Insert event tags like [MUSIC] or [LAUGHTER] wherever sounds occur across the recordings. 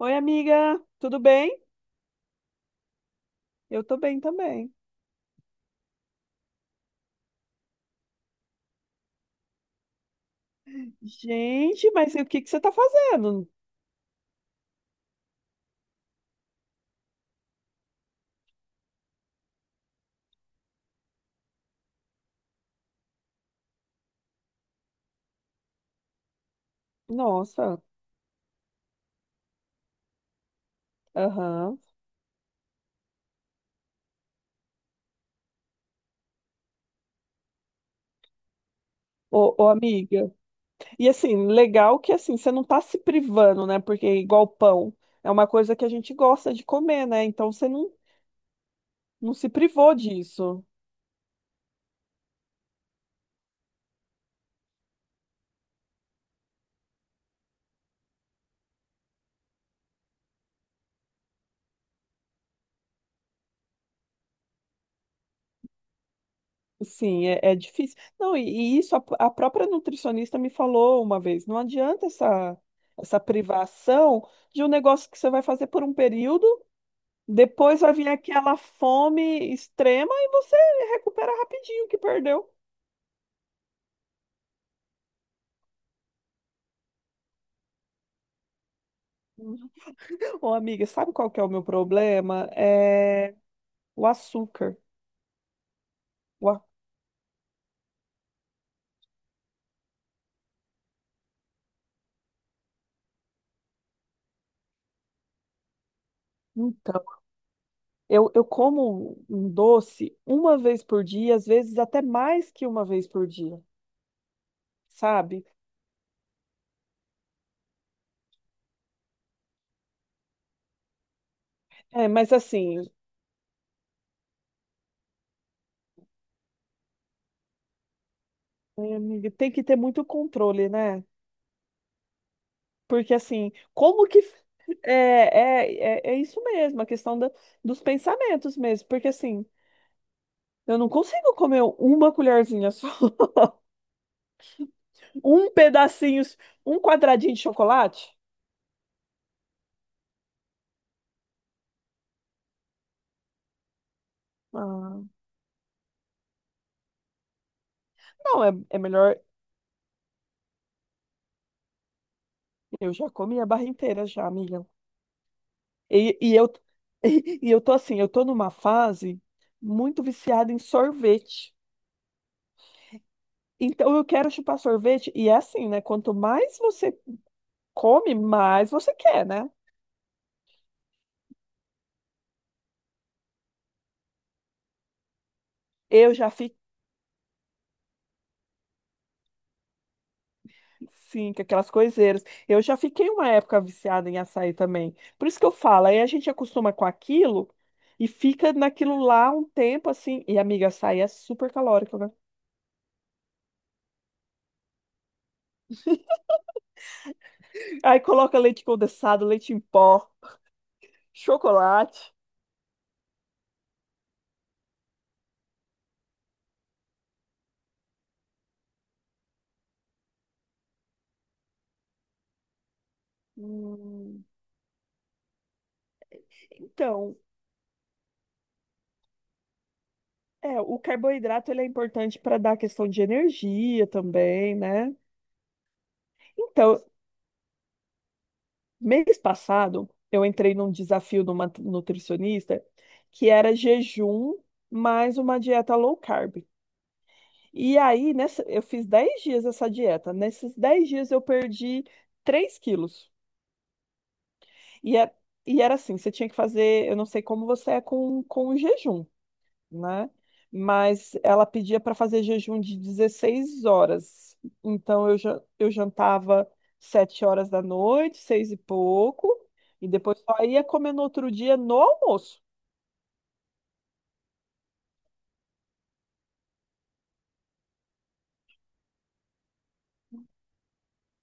Oi, amiga, tudo bem? Eu tô bem também. Gente, mas e o que que você tá fazendo? Nossa, aham. Ô, ô, amiga. E assim, legal que assim, você não tá se privando, né? Porque é igual pão, é uma coisa que a gente gosta de comer, né? Então você não se privou disso. Sim, é difícil. Não, e isso a própria nutricionista me falou uma vez, não adianta essa privação de um negócio que você vai fazer por um período. Depois vai vir aquela fome extrema e você recupera rapidinho o que perdeu. Ô, amiga, sabe qual que é o meu problema? É o açúcar. O a- Então, eu como um doce uma vez por dia, às vezes até mais que uma vez por dia, sabe? É, mas assim, amiga, tem que ter muito controle, né? Porque assim, como que. É, é, é isso mesmo, a questão dos pensamentos mesmo. Porque assim. Eu não consigo comer uma colherzinha só. [LAUGHS] Um pedacinho, um quadradinho de chocolate? Ah, não, é melhor. Eu já comi a barra inteira já, amiga. E eu, [LAUGHS] eu tô numa fase muito viciada em sorvete. Então eu quero chupar sorvete. E é assim, né? Quanto mais você come, mais você quer, né? Eu já fi, Sim, com aquelas coiseiras. Eu já fiquei uma época viciada em açaí também. Por isso que eu falo, aí a gente acostuma com aquilo e fica naquilo lá um tempo assim. E, amiga, açaí é super calórico, né? Aí coloca leite condensado, leite em pó, chocolate. Hum, então, o carboidrato ele é importante para dar a questão de energia também, né? Então, mês passado, eu entrei num desafio de uma nutricionista que era jejum mais uma dieta low carb. E aí, nessa, eu fiz 10 dias essa dieta. Nesses 10 dias, eu perdi 3 quilos. E, é- e era assim: você tinha que fazer. Eu não sei como você é com o jejum, né? Mas ela pedia para fazer jejum de 16 horas. Então eu jantava 7 horas da noite, seis e pouco, e depois só ia comer no outro dia no almoço.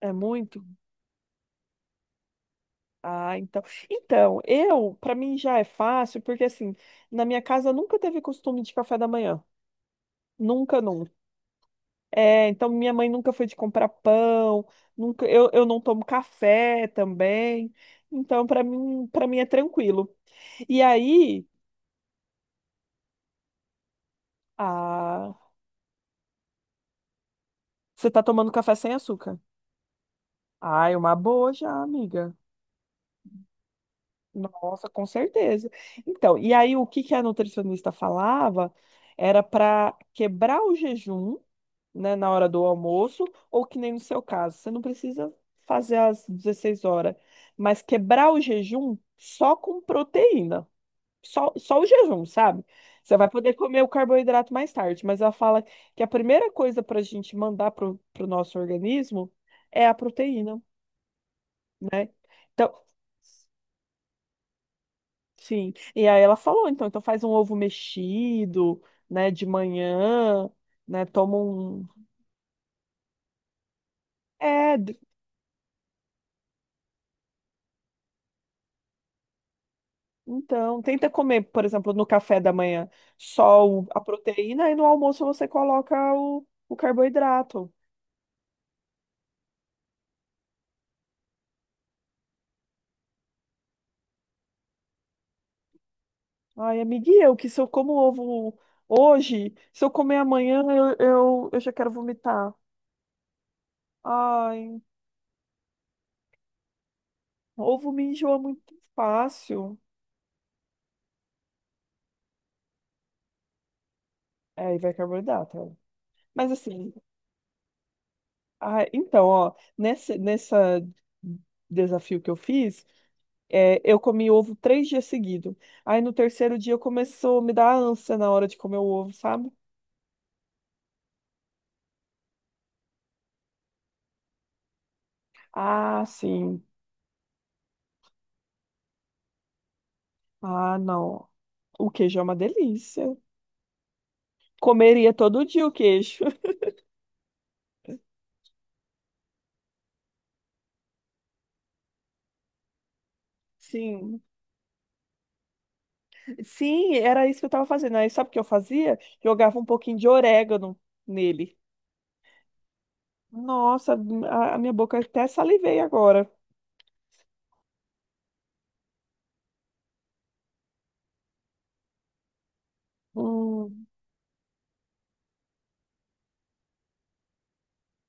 É muito? Ah, então. Então, para mim já é fácil, porque assim, na minha casa nunca teve costume de café da manhã. Nunca, nunca. É, então minha mãe nunca foi de comprar pão, nunca, eu não tomo café também. Então, para mim é tranquilo. E aí, ah, você tá tomando café sem açúcar? Ai, uma boa já, amiga. Nossa, com certeza. Então, e aí o que que a nutricionista falava era para quebrar o jejum, né, na hora do almoço, ou que nem no seu caso, você não precisa fazer às 16 horas, mas quebrar o jejum só com proteína. Só o jejum, sabe? Você vai poder comer o carboidrato mais tarde, mas ela fala que a primeira coisa para a gente mandar para o nosso organismo é a proteína, né? Então, sim. E aí ela falou, então faz um ovo mexido, né, de manhã, né? Toma um. É, d- então, tenta comer, por exemplo, no café da manhã só a proteína e no almoço você coloca o carboidrato. Ai, amiga, eu que se eu como ovo hoje, se eu comer amanhã, eu já quero vomitar. Ai, ovo me enjoa muito fácil. É, e vai carboidrato. É. Mas assim, ah então, ó, nessa desafio que eu fiz, eu comi ovo 3 dias seguidos. Aí no terceiro dia começou a me dar ânsia na hora de comer o ovo, sabe? Ah, sim. Ah, não. O queijo é uma delícia. Comeria todo dia o queijo. [LAUGHS] Sim. Sim, era isso que eu tava fazendo. Aí sabe o que eu fazia? Jogava um pouquinho de orégano nele. Nossa, a minha boca até salivei agora. Hum,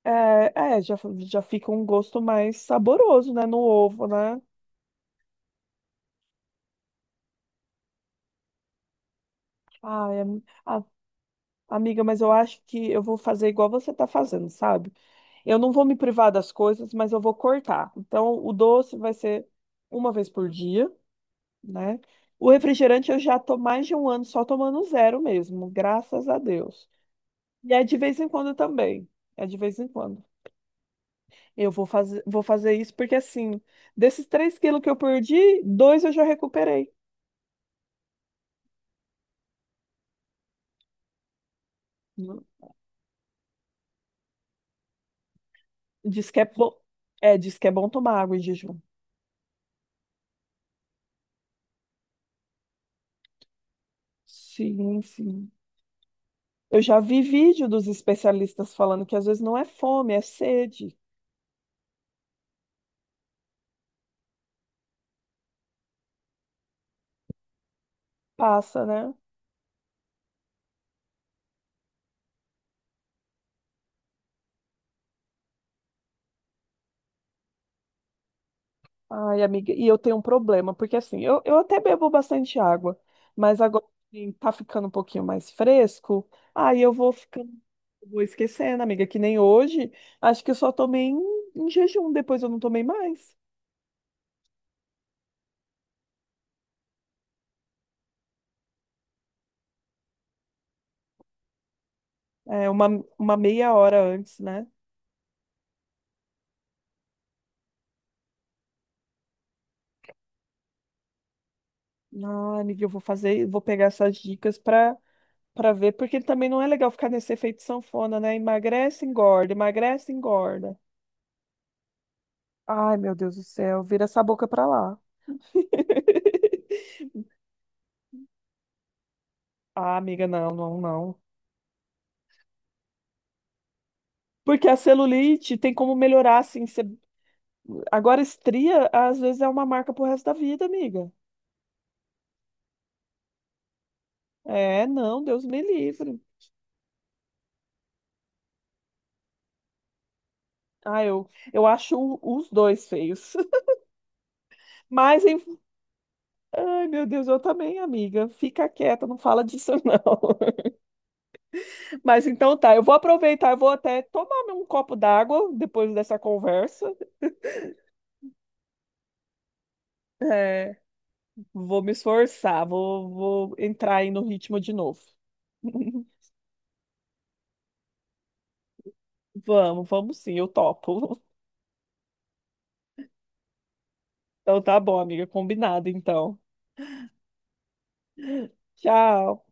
é, já fica um gosto mais saboroso, né, no ovo, né? Ai, amiga, mas eu acho que eu vou fazer igual você tá fazendo, sabe? Eu não vou me privar das coisas, mas eu vou cortar. Então, o doce vai ser uma vez por dia, né? O refrigerante eu já tô mais de um ano só tomando zero mesmo, graças a Deus. E é de vez em quando também. É de vez em quando. Eu vou fazer isso porque, assim, desses 3 quilos que eu perdi, dois eu já recuperei. Hum. Diz que é bom, diz que é bom tomar água em jejum. Sim, sim. Eu já vi vídeo dos especialistas falando que às vezes não é fome, é sede. Passa, né? Ai, amiga, e eu tenho um problema, porque assim, eu até bebo bastante água, mas agora assim, tá ficando um pouquinho mais fresco, aí eu vou ficando, vou esquecendo, amiga, que nem hoje, acho que eu só tomei em jejum, depois eu não tomei mais. É, uma meia hora antes, né? Ah, amiga, eu vou fazer, vou pegar essas dicas pra ver, porque também não é legal ficar nesse efeito sanfona, né? Emagrece, engorda, emagrece, engorda. Ai, meu Deus do céu, vira essa boca pra lá. [LAUGHS] Ah, amiga, não, não, não. Porque a celulite tem como melhorar, assim. Você. Agora, estria, às vezes, é uma marca pro resto da vida, amiga. É, não, Deus me livre. Ah, eu acho os dois feios. [LAUGHS] Mas, em- ai, meu Deus, eu também, amiga. Fica quieta, não fala disso, não. [LAUGHS] Mas então tá, eu vou aproveitar, eu vou até tomar um copo d'água depois dessa conversa. É, vou me esforçar, vou entrar aí no ritmo de novo. [LAUGHS] Vamos, vamos sim, eu topo. [LAUGHS] Então tá bom, amiga, combinado então. Tchau.